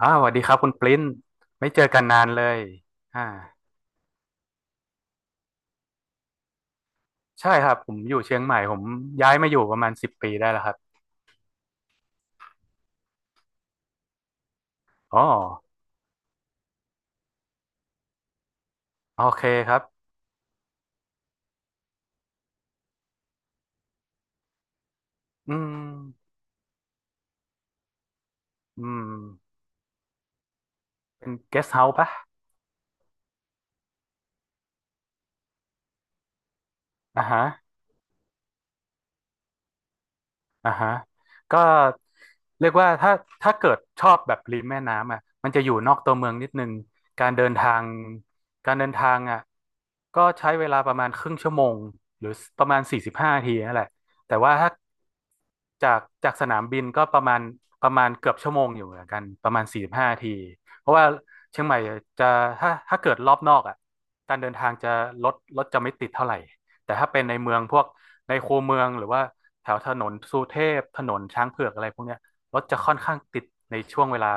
สวัสดีครับคุณปริ้นไม่เจอกันนานเลยอ่าใช่ครับผมอยู่เชียงใหม่ผมย้ายมาอยู่ประมาณ10 ปีได้แล้วครับอ๋อโอเคครับอืมอืมเป็นเกสต์เฮาส์ปะอ่าฮะอ่าฮะก็เรียกว่าถ้าเกิดชอบแบบริมแม่น้ำอ่ะมันจะอยู่นอกตัวเมืองนิดนึงการเดินทางการเดินทางอ่ะก็ใช้เวลาประมาณครึ่งชั่วโมงหรือประมาณสี่สิบห้านาทีนั่นแหละแต่ว่าถ้า จากสนามบินก็ประมาณเกือบชั่วโมงอยู่เหมือนกันประมาณสี่สิบห้านาทีเพราะว่าเชียงใหม่จะถ้าเกิดรอบนอกอ่ะการเดินทางจะรถจะไม่ติดเท่าไหร่แต่ถ้าเป็นในเมืองพวกในคูเมืองหรือว่าแถวถนนสุเทพถนนช้างเผือกอะไรพวกเนี้ยรถจะค่อนข้างติดในช่วงเวลา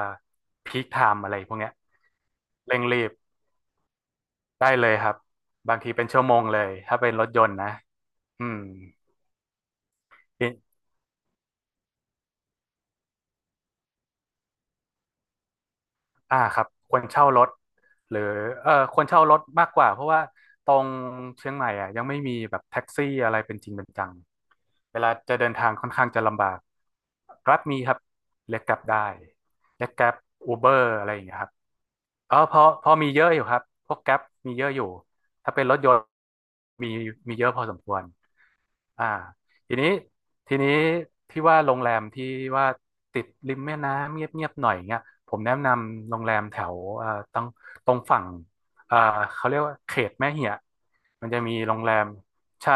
พีคไทม์อะไรพวกเนี้ยเร่งรีบได้เลยครับบางทีเป็นชั่วโมงเลยถ้าเป็นรถยนต์นะอืม ครับควรเช่ารถหรือเออควรเช่ารถมากกว่าเพราะว่าตรงเชียงใหม่อ่ะยังไม่มีแบบแท็กซี่อะไรเป็นจริงเป็นจังเวลาจะเดินทางค่อนข้างจะลำบาก Grab มีครับเรียก Grab ได้เรียก Grab Uber อะไรอย่างเงี้ยครับเออพอมีเยอะอยู่ครับพวก Grab มีเยอะอยู่ถ้าเป็นรถยนต์มีมีเยอะพอสมควร อ่าทีนี้ทีนี้ที่ว่าโรงแรมที่ว่าติดริมแม่น้ำเงียบๆหน่อยเงี้ยผมแนะนำโรงแรมแถวตรงฝั่งเอ่อเขาเรียกว่าเขตแม่เหียะมันจะมีโรงแรมใช่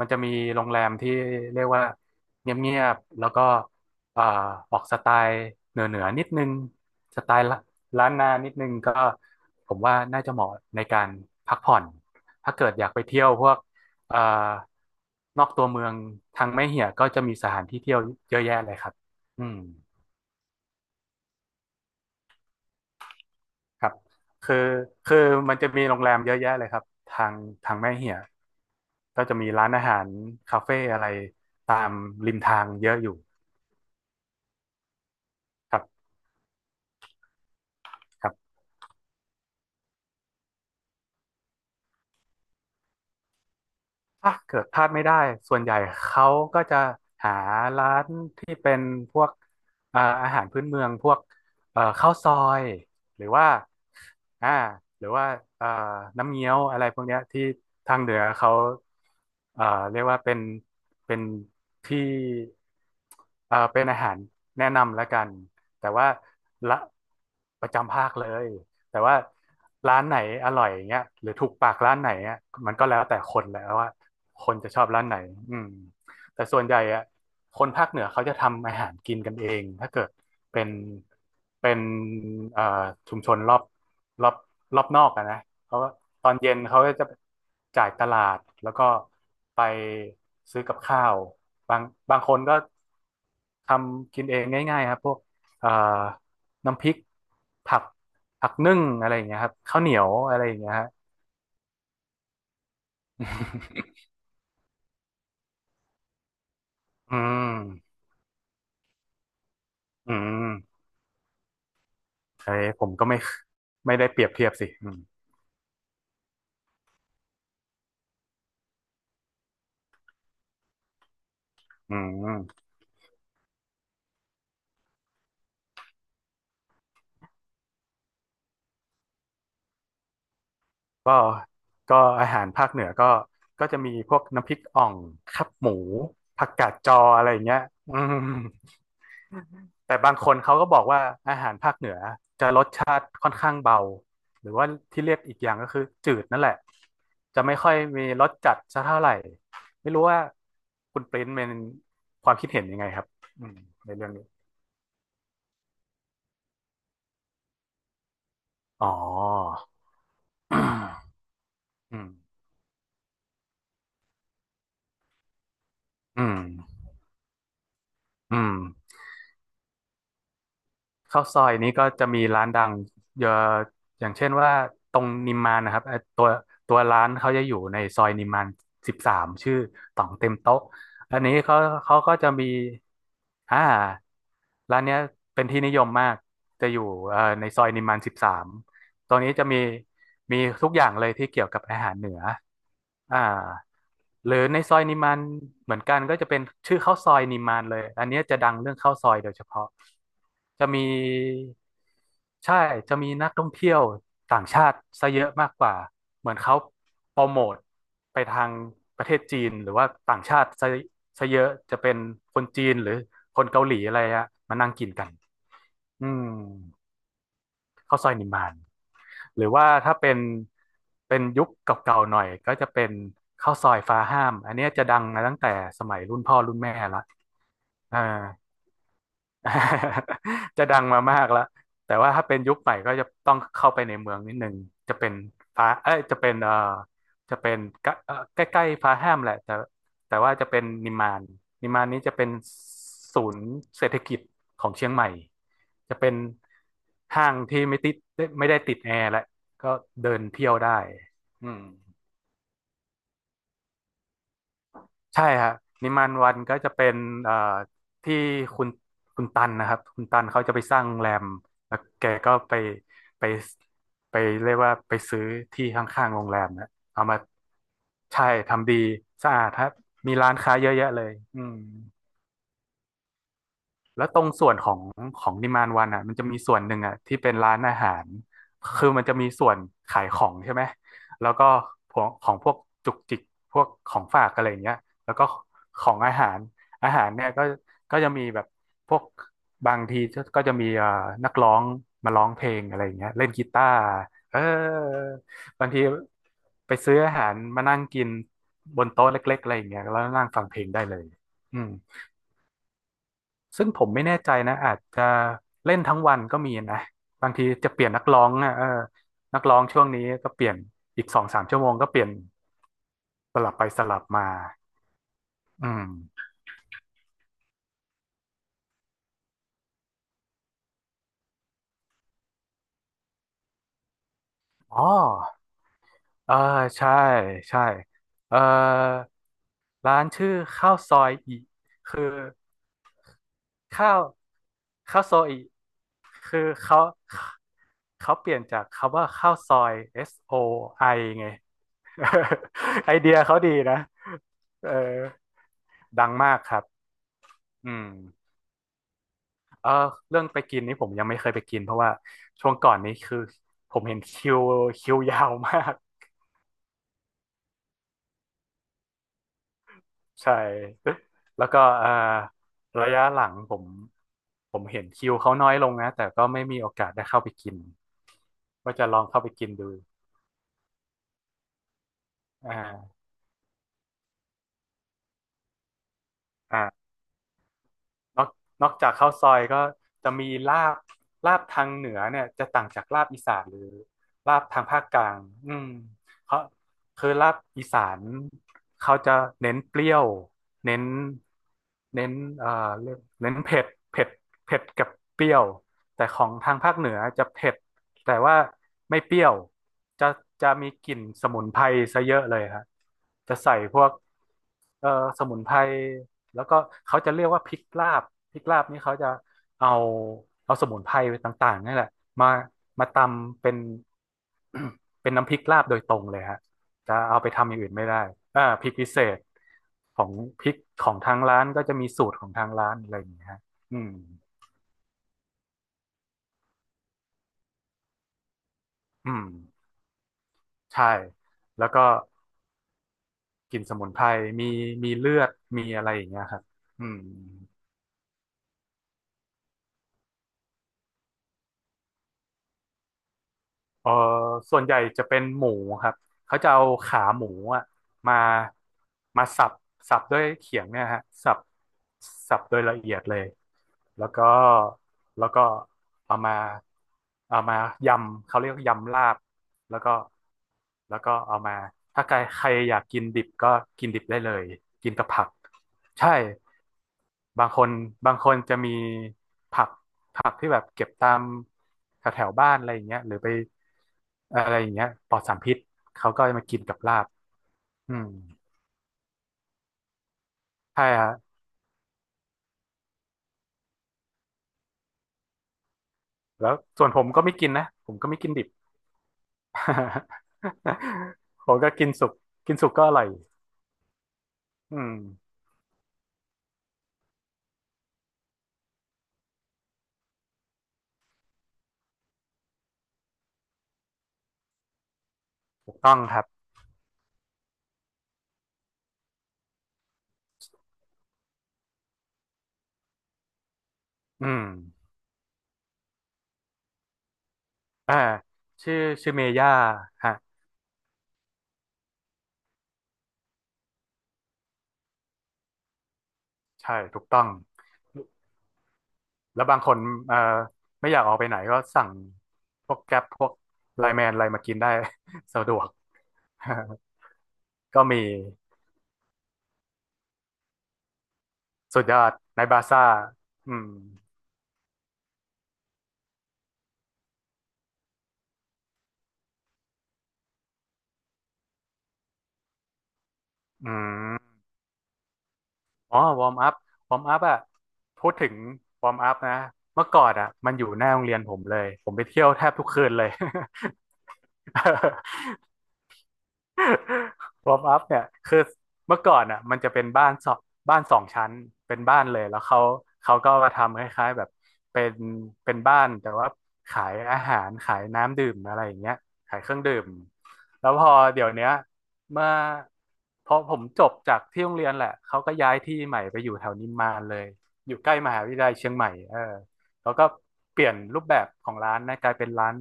มันจะมีโรงแรมที่เรียกว่าเงียบๆแล้วก็เอ่อออกสไตล์เหนือๆนิดนึงสไตล์ละล้านนานิดนึงก็ผมว่าน่าจะเหมาะในการพักผ่อนถ้าเกิดอยากไปเที่ยวพวก อ่านอกตัวเมืองทางแม่เหียก็จะมีสถานที่เที่ยวเยอะแยะเลยครับอืมครับคือ คือมันจะมีโรงแรมเยอะแยะเลยครับทางแม่เหียก็จะมีร้านอาหารคาเฟ่อะไร ตามริมทางเยอะอยู่ครับครับ ถ้าเกิดพลาดไม่ได้ส่วนใหญ่เขาก็จะหาร้านที่เป็นพวกอาหารพื้นเมืองพวกข้าวซอยหรือว่าอ่าหรือว่าเอ่อน้ำเงี้ยวอะไรพวกเนี้ยที่ทางเหนือเขาเอ่อเรียกว่าเป็นที่เป็นอาหารแนะนำแล้วกันแต่ว่าละประจำภาคเลย แต่ว่าร้านไหนอร่อยเงี้ยหรือถูกปากร้านไหนอ่ะมันก็แล้วแต่คนแหละว่าคนจะชอบร้านไหนอืมแต่ส่วนใหญ่อ่ะคนภาคเหนือเขาจะทำอาหารกินกันเองถ้าเกิดเป็นเป็นเอ่อชุมชนรอบรอบนอกอะนะเขาก็ตอนเย็นเขาก็จะจ่ายตลาดแล้วก็ไปซื้อกับข้าวบางบางคนก็ทำกินเองง่ายๆครับพวกเอ่อน้ำพริกผัก ผักนึ่งอะไรอย่างเงี้ยครับข้าวเหนียวอะไรอย่างเงี้ยฮะอืมอืมเอ้ยผมก็ไม่ได้เปรียบเทียบสิอืมอืมก็ก็อาหารภาคเหนือก็จะมีพวกน้ำพริกอ่องขับหมูผักกาดจออะไรอย่างเงี้ยอืม แต่บางคนเขาก็บอกว่าอาหารภาคเหนือจะรสชาติค่อนข้างเบาหรือว่าที่เรียกอีกอย่างก็คือจืดนั่นแหละจะไม่ค่อยมีรสจัดซะเท่าไหร่ไม่รู้ว่าคุณปริ้นเป็นความคิดเห็นยังไงครับอืมในเรื่องนี้อ๋ออืมอืมอืม ข้าวซอยนี้ก็จะมีร้านดังเยอะอย่างเช่นว่าตรงนิมมานนะครับตัวร้านเขาจะอยู่ในซอยนิมมานสิบสามชื่อต่องเต็มโต๊ะอันนี้เขาก็จะมีอ่าร้านเนี้ยเป็นที่นิยมมากจะอยู่ในซอยนิมมานสิบสาม ตรงนี้จะมีทุกอย่างเลยที่เกี่ยวกับอาหารเหนืออ่าหรือในซอยนิมานเหมือนกันก็จะเป็นชื่อข้าวซอยนิมานเลยอันเนี้ยจะดังเรื่องข้าวซอยโดยเฉพาะจะมีใช่จะมีนักท่องเที่ยวต่างชาติซะเยอะมากกว่า เหมือนเขาโปรโมทไปทางประเทศจีนหรือว่าต่างชาติซะเยอะจะเป็นคนจีนหรือคนเกาหลีอะไรอะมานั่งกินกันอืมข้าวซอยนิมาน หรือว่าถ้าเป็นยุคเก่าๆหน่อยก็จะเป็นข้าวซอยฟ้าห้ามอันเนี้ยจะดังมาตั้งแต่สมัยรุ่นพ่อรุ่นแม่ละอ่า จะดังมามากแล้วแต่ว่าถ้าเป็นยุคใหม่ก็จะต้องเข้าไปในเมืองนิดนึงจะเป็นฟ้าเอ้ยจะเป็นจะเป็นกะใกล้ๆฟ้าแฮมแหละแต่ว่าจะเป็นนิมมานนิมมานนี้จะเป็นศูนย์เศรษฐกิจของเชียงใหม่จะเป็นห้างที่ไม่ติดไม่ได้ติดแอร์และก็เดินเที่ยวได้อืม ใช่ฮะนิมานวันก็จะเป็นเอ่อที่คุณคุณตันนะครับคุณตันเขาจะไปสร้างโรงแรมแล้วแกก็ไปไปไปเรียกว่าไปซื้อที่ข้างๆโรงแรมนะเอามาใช่ทำดีสะอาดครับมีร้านค้าเยอะแยะเลยอืม แล้วตรงส่วนของนิมมานวันอ่ะมันจะมีส่วนหนึ่งอ่ะที่เป็นร้านอาหารคือมันจะมีส่วนขายของใช่ไหมแล้วก็พวกของพวกจุกจิกพวกของฝากอะไรอย่างเงี้ยแล้วก็ของอาหารอาหารเนี่ยก็จะมีแบบพวกบางทีก็จะมีนักร้องมาร้องเพลงอะไรอย่างเงี้ยเล่นกีตาร์เออบางทีไปซื้ออาหารมานั่งกินบนโต๊ะเล็กๆอะไรอย่างเงี้ยแล้วนั่งฟังเพลงได้เลยอืม ซึ่งผมไม่แน่ใจนะอาจจะเล่นทั้งวันก็มีนะบางทีจะเปลี่ยนนักร้องอ่ะเออนักร้องช่วงนี้ก็เปลี่ยนอีกสองสามชั่วโมงก็เปลี่ยนสลับไปสลับมาอืมอ๋อเออใช่ใช่เออร้านชื่อข้าวซอยอิคือข้าวซอยอิคือเขาเปลี่ยนจากคำว่าข้าวซอย S O I ไอไง ไอเดียเขาดีนะเออ ดังมากครับอืมเออเรื่องไปกินนี่ผมยังไม่เคยไปกินเพราะว่าช่วงก่อนนี้คือผมเห็นคิวคิวยาวมากใช่ แล้วก็เออระยะหลังผมเห็นคิวเขาน้อยลงนะแต่ก็ไม่มีโอกาสได้เข้าไปกินก็จะลองเข้าไปกินดูอ่าอ่า นอกจากข้าวซอยก็จะมีลาบลาบทางเหนือเนี่ยจะต่างจากลาบอีสานหรือลาบทางภาคกลางอืมเขาคือลาบอีสานเขาจะเน้นเปรี้ยวเน้นเน้นเอ่อเรียกเน้นเผ็ดเผ็ดเผ็ดกับเปรี้ยวแต่ของทางภาคเหนือจะเผ็ดแต่ว่าไม่เปรี้ยวจะมีกลิ่นสมุนไพรซะเยอะเลยครับจะใส่พวกเอ่อสมุนไพร แล้วก็เขาจะเรียกว่าพริกลาบพริกลาบนี่เขาจะเอาสมุนไพรต่างๆนี่แหละมาตำเป็น เป็นน้ำพริกลาบโดยตรงเลยฮะจะเอาไปทำอย่างอื่นไม่ได้อ่าพริกพิเศษของพริกของทางร้านก็จะมีสูตรของทางร้านอะไรอย่างเงี้ยฮะอืมอืมใช่แล้วก็กลิ่นสมุนไพรมีเลือดมีอะไรอย่างเงี้ยครับอืม เออส่วนใหญ่จะเป็นหมูครับเขาจะเอาขาหมูอะมาสับสับด้วยเขียงเนี่ยฮะสับสับโดยละเอียดเลยแล้วก็แล้วก็เอามาเอามายำเขาเรียก่ยำลาบแล้วก็เอามาถ้าใครใครอยากกินดิบก็กินดิบได้เลยกินกับผักใช่ บางคนจะมีผักที่แบบเก็บตามแถวแถวบ้านอะไรอย่างเงี้ยหรือไปอะไรอย่างเงี้ยปลอดสารพิษเขาก็มากินกับลาบอืมใช่ฮะแล้วส่วนผมก็ไม่กินนะผมก็ไม่กินดิบ ผมก็กินสุกกินสุกก็อร่อยอืมถูกต้องครับอืมอ่าชื่อเมย่าฮะใช่ถูกต้อง แล้วบางคนเอ่อไม่อยากออกไปไหนก็สั่งพวกแก๊ปพวกไลน์แมนอะไรมากินได้ สะดวก ก็มีสุดยอดในบาซ่าอืมอืมอ๋อวอร์มอัพวอร์มอัพอะพูดถึงวอร์มอัพนะเมื่อก่อนอะมันอยู่หน้าโรงเรียนผมเลยผมไปเที่ยวแทบทุกคืนเลย วอร์มอัพเนี่ยคือเมื่อก่อนอ่ะมันจะเป็นบ้านสองชั้นเป็นบ้านเลยแล้วเขาก็มาทำคล้ายๆแบบเป็นบ้านแต่ว่าขายอาหารขายน้ำดื่มอะไรอย่างเงี้ยขายเครื่องดื่มแล้วพอเดี๋ยวเนี้ยเมื่อพอผมจบจากที่โรงเรียนแหละเขาก็ย้ายที่ใหม่ไปอยู่แถวนิมมานเลยอยู่ใกล้มหาวิทยาลัยเชียงใหม่เออแล้วก็เปลี่ยนรูปแบบของร้านนะกลายเป็นร้าน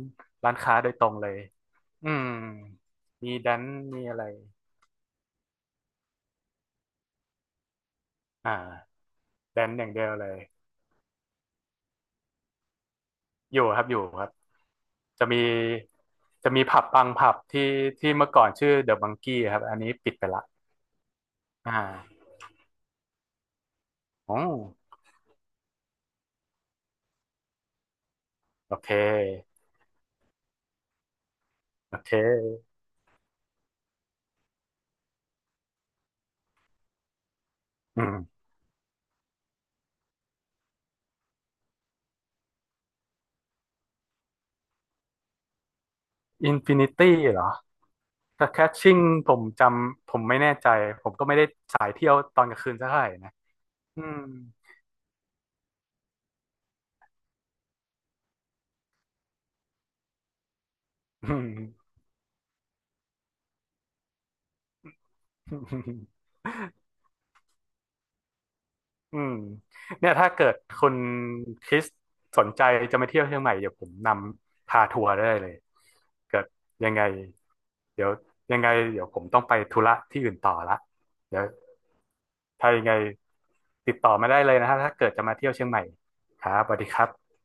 ค้าโดยตรงเลยอืม มีแดนซ์มีอะไรอ่าแดนซ์อย่างเดียวเลยอยู่ครับอยู่ครับจะมีผับบางผับที่เมื่อก่อนชื่อเดอะมังกี้ครับอันนี้ปิดไปละอ่าโอ้โอเคโอเคอืมอินฟินิตี้เหรอแต่แคชชิ่งผมจำผมไม่แน่ใจผมก็ไม่ได้สายเที่ยวตอนกลางคืนสักเท่าไหร่นะอืม อืมเนี่ยถ้าเกิดคุณคริสสนใจจะมาเที่ยวเชียงใหม่เดี๋ยวผมนำพาทัวร์ได้เลยเกิดยังไงเดี๋ยวยังไงเดี๋ยวผมต้องไปธุระที่อื่นต่อละเดี๋ยวถ้ายังไงติดต่อมาได้เลยนะฮะถ้าเกิดจะมาเที่ยวเชียงใหม่ครับสวัสดีครับ